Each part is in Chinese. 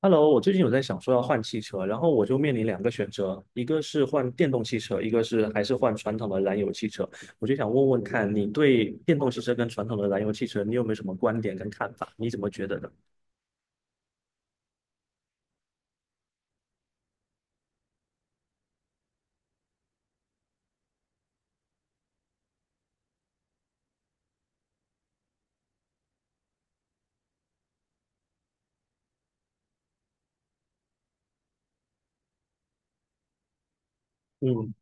Hello，我最近有在想说要换汽车，然后我就面临两个选择，一个是换电动汽车，一个是还是换传统的燃油汽车。我就想问问看，你对电动汽车跟传统的燃油汽车，你有没有什么观点跟看法？你怎么觉得的？嗯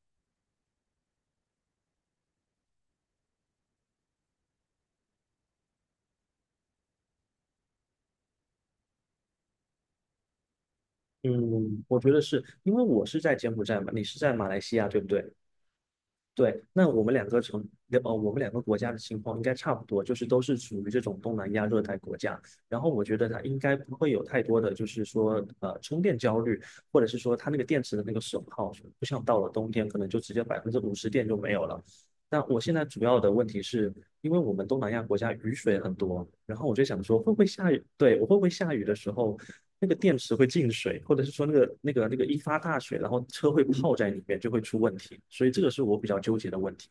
嗯，我觉得是因为我是在柬埔寨嘛，你是在马来西亚，对不对？对，那我们两个城，我们两个国家的情况应该差不多，就是都是属于这种东南亚热带国家。然后我觉得它应该不会有太多的，就是说，充电焦虑，或者是说它那个电池的那个损耗，不像到了冬天，可能就直接50%电就没有了。那我现在主要的问题是，因为我们东南亚国家雨水很多，然后我就想说，会不会下雨？对，我会不会下雨的时候，那个电池会进水，或者是说那个一发大水，然后车会泡在里面，就会出问题。所以这个是我比较纠结的问题。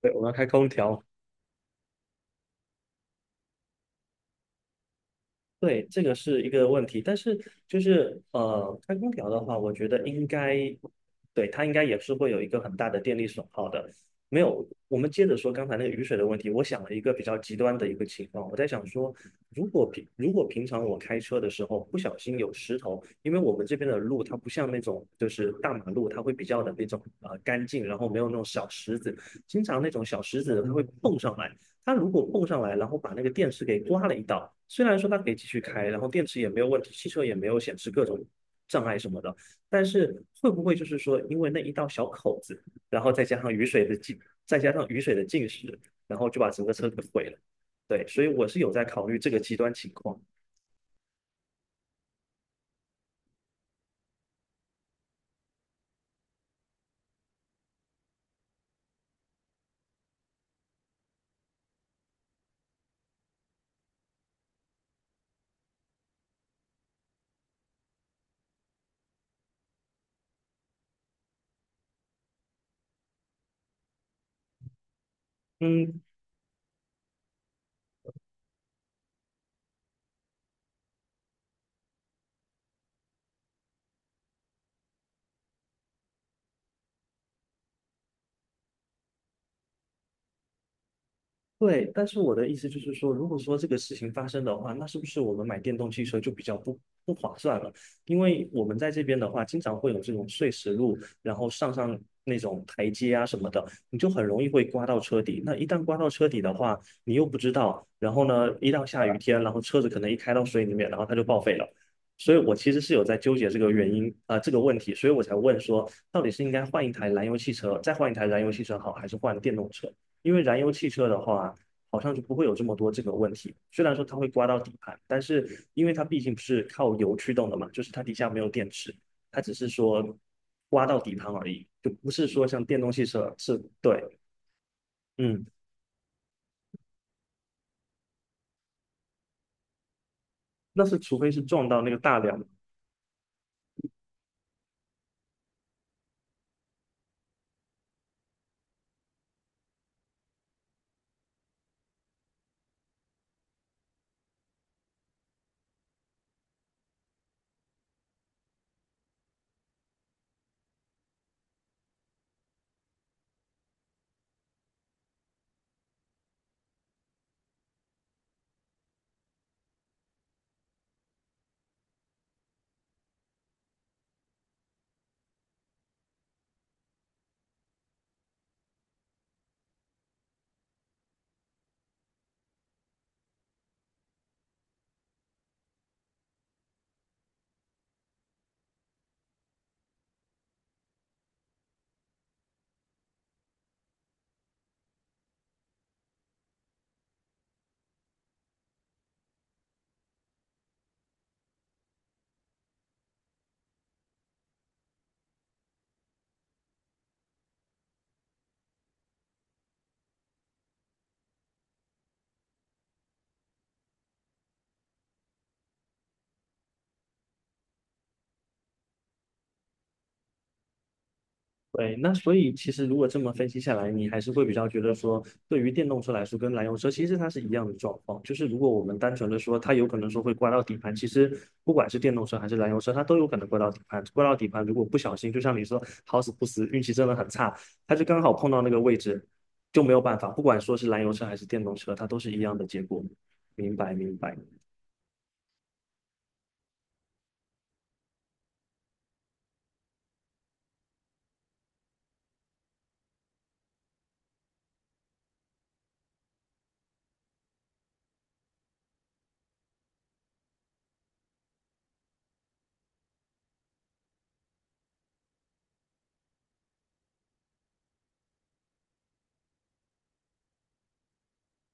对，我们要开空调。对，这个是一个问题，但是就是开空调的话，我觉得应该，对，它应该也是会有一个很大的电力损耗的。没有，我们接着说刚才那个雨水的问题，我想了一个比较极端的一个情况，我在想说，如果平常我开车的时候不小心有石头，因为我们这边的路它不像那种就是大马路，它会比较的那种干净，然后没有那种小石子，经常那种小石子它会碰上来。它如果碰上来，然后把那个电池给刮了一道，虽然说它可以继续开，然后电池也没有问题，汽车也没有显示各种障碍什么的，但是会不会就是说，因为那一道小口子，然后再加上雨水的浸湿，然后就把整个车给毁了？对，所以我是有在考虑这个极端情况。嗯，对，但是我的意思就是说，如果说这个事情发生的话，那是不是我们买电动汽车就比较不划算了？因为我们在这边的话，经常会有这种碎石路，然后上那种台阶啊什么的，你就很容易会刮到车底。那一旦刮到车底的话，你又不知道，然后呢，一到下雨天，然后车子可能一开到水里面，然后它就报废了。所以我其实是有在纠结这个原因啊、呃这个问题，所以我才问说，到底是应该换一台燃油汽车，再换一台燃油汽车好，还是换电动车？因为燃油汽车的话，好像就不会有这么多这个问题。虽然说它会刮到底盘，但是因为它毕竟不是靠油驱动的嘛，就是它底下没有电池，它只是说刮到底盘而已，就不是说像电动汽车是对，嗯，那是除非是撞到那个大梁对，那所以其实如果这么分析下来，你还是会比较觉得说，对于电动车来说，跟燃油车其实它是一样的状况。就是如果我们单纯的说，它有可能说会刮到底盘，其实不管是电动车还是燃油车，它都有可能刮到底盘。刮到底盘，如果不小心，就像你说，好死不死，运气真的很差，它就刚好碰到那个位置，就没有办法。不管说是燃油车还是电动车，它都是一样的结果。明白，明白。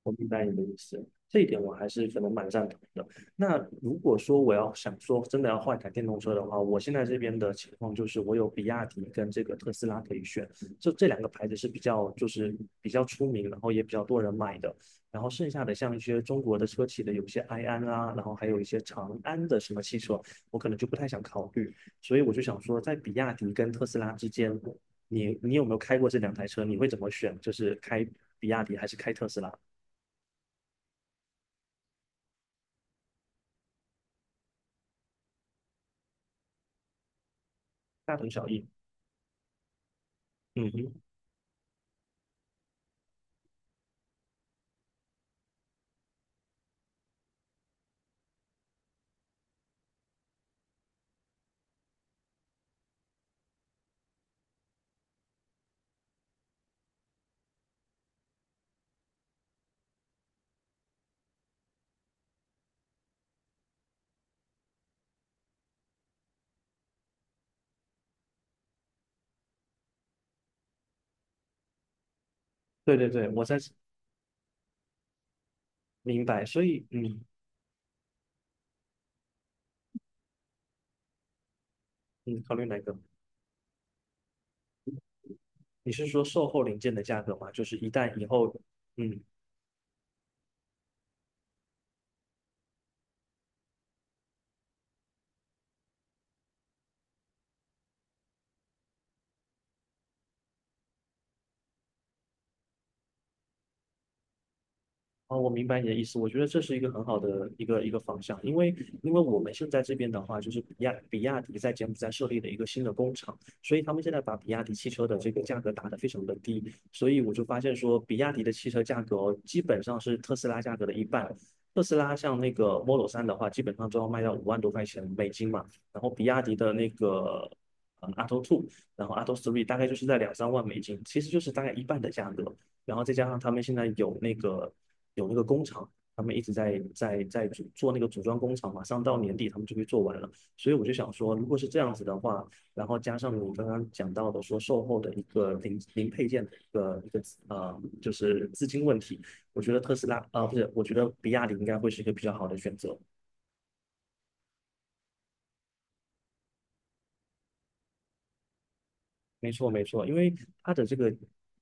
我明白你的意思，这一点我还是可能蛮赞同的。那如果说我要想说真的要换一台电动车的话，我现在这边的情况就是我有比亚迪跟这个特斯拉可以选，就这两个牌子是比较出名，然后也比较多人买的。然后剩下的像一些中国的车企的有些埃安啊，然后还有一些长安的什么汽车，我可能就不太想考虑。所以我就想说，在比亚迪跟特斯拉之间，你有没有开过这两台车？你会怎么选？就是开比亚迪还是开特斯拉？大同小异。嗯哼，对对对，我在明白。所以，嗯嗯，考虑哪个？你是说售后零件的价格吗？就是一旦以后，嗯，哦，我明白你的意思。我觉得这是一个很好的一个方向，因为因为我们现在这边的话，就是比亚迪在柬埔寨设立的一个新的工厂，所以他们现在把比亚迪汽车的这个价格打得非常的低，所以我就发现说，比亚迪的汽车价格哦，基本上是特斯拉价格的一半。特斯拉像那个 Model 3的话，基本上都要卖到5万多块钱美金嘛，然后比亚迪的那个Auto 2，然后 Auto 3 大概就是在2、3万美金，其实就是大概一半的价格。然后再加上他们现在有那个有那个工厂，他们一直在那个组装工厂，马上到年底他们就会做完了。所以我就想说，如果是这样子的话，然后加上你刚刚讲到的说售后的一个零零配件的一个一个呃，就是资金问题，我觉得特斯拉啊、呃不是，我觉得比亚迪应该会是一个比较好的选择。没错，没错，因为它的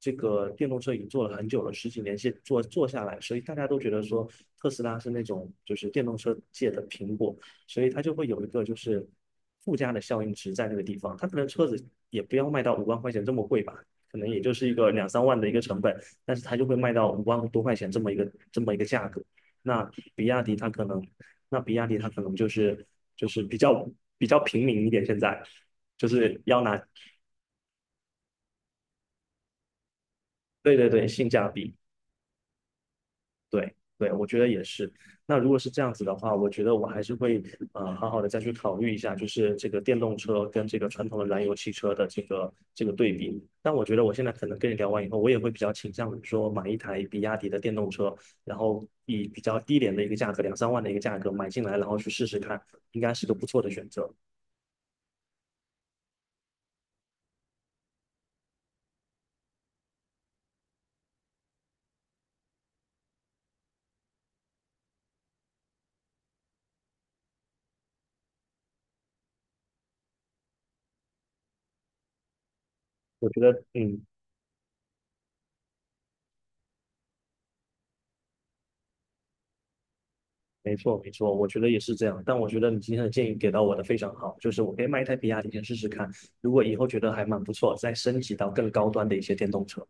这个电动车已经做了很久了，10几年先做做下来，所以大家都觉得说特斯拉是那种就是电动车界的苹果，所以它就会有一个就是附加的效应值在那个地方。它可能车子也不要卖到5万块钱这么贵吧，可能也就是一个两三万的一个成本，但是它就会卖到五万多块钱这么一个价格。那比亚迪它可能，那比亚迪它可能就是比较平民一点，现在就是要拿对对对，性价比，对对，我觉得也是。那如果是这样子的话，我觉得我还是会好好的再去考虑一下，就是这个电动车跟这个传统的燃油汽车的这个对比。但我觉得我现在可能跟你聊完以后，我也会比较倾向于说买一台比亚迪的电动车，然后以比较低廉的一个价格，两三万的一个价格买进来，然后去试试看，应该是个不错的选择。我觉得，嗯，没错，没错，我觉得也是这样。但我觉得你今天的建议给到我的非常好，就是我可以买一台比亚迪先试试看，如果以后觉得还蛮不错，再升级到更高端的一些电动车。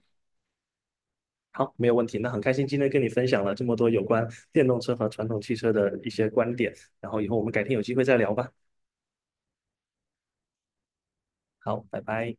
好，没有问题。那很开心今天跟你分享了这么多有关电动车和传统汽车的一些观点，然后以后我们改天有机会再聊吧。好，拜拜。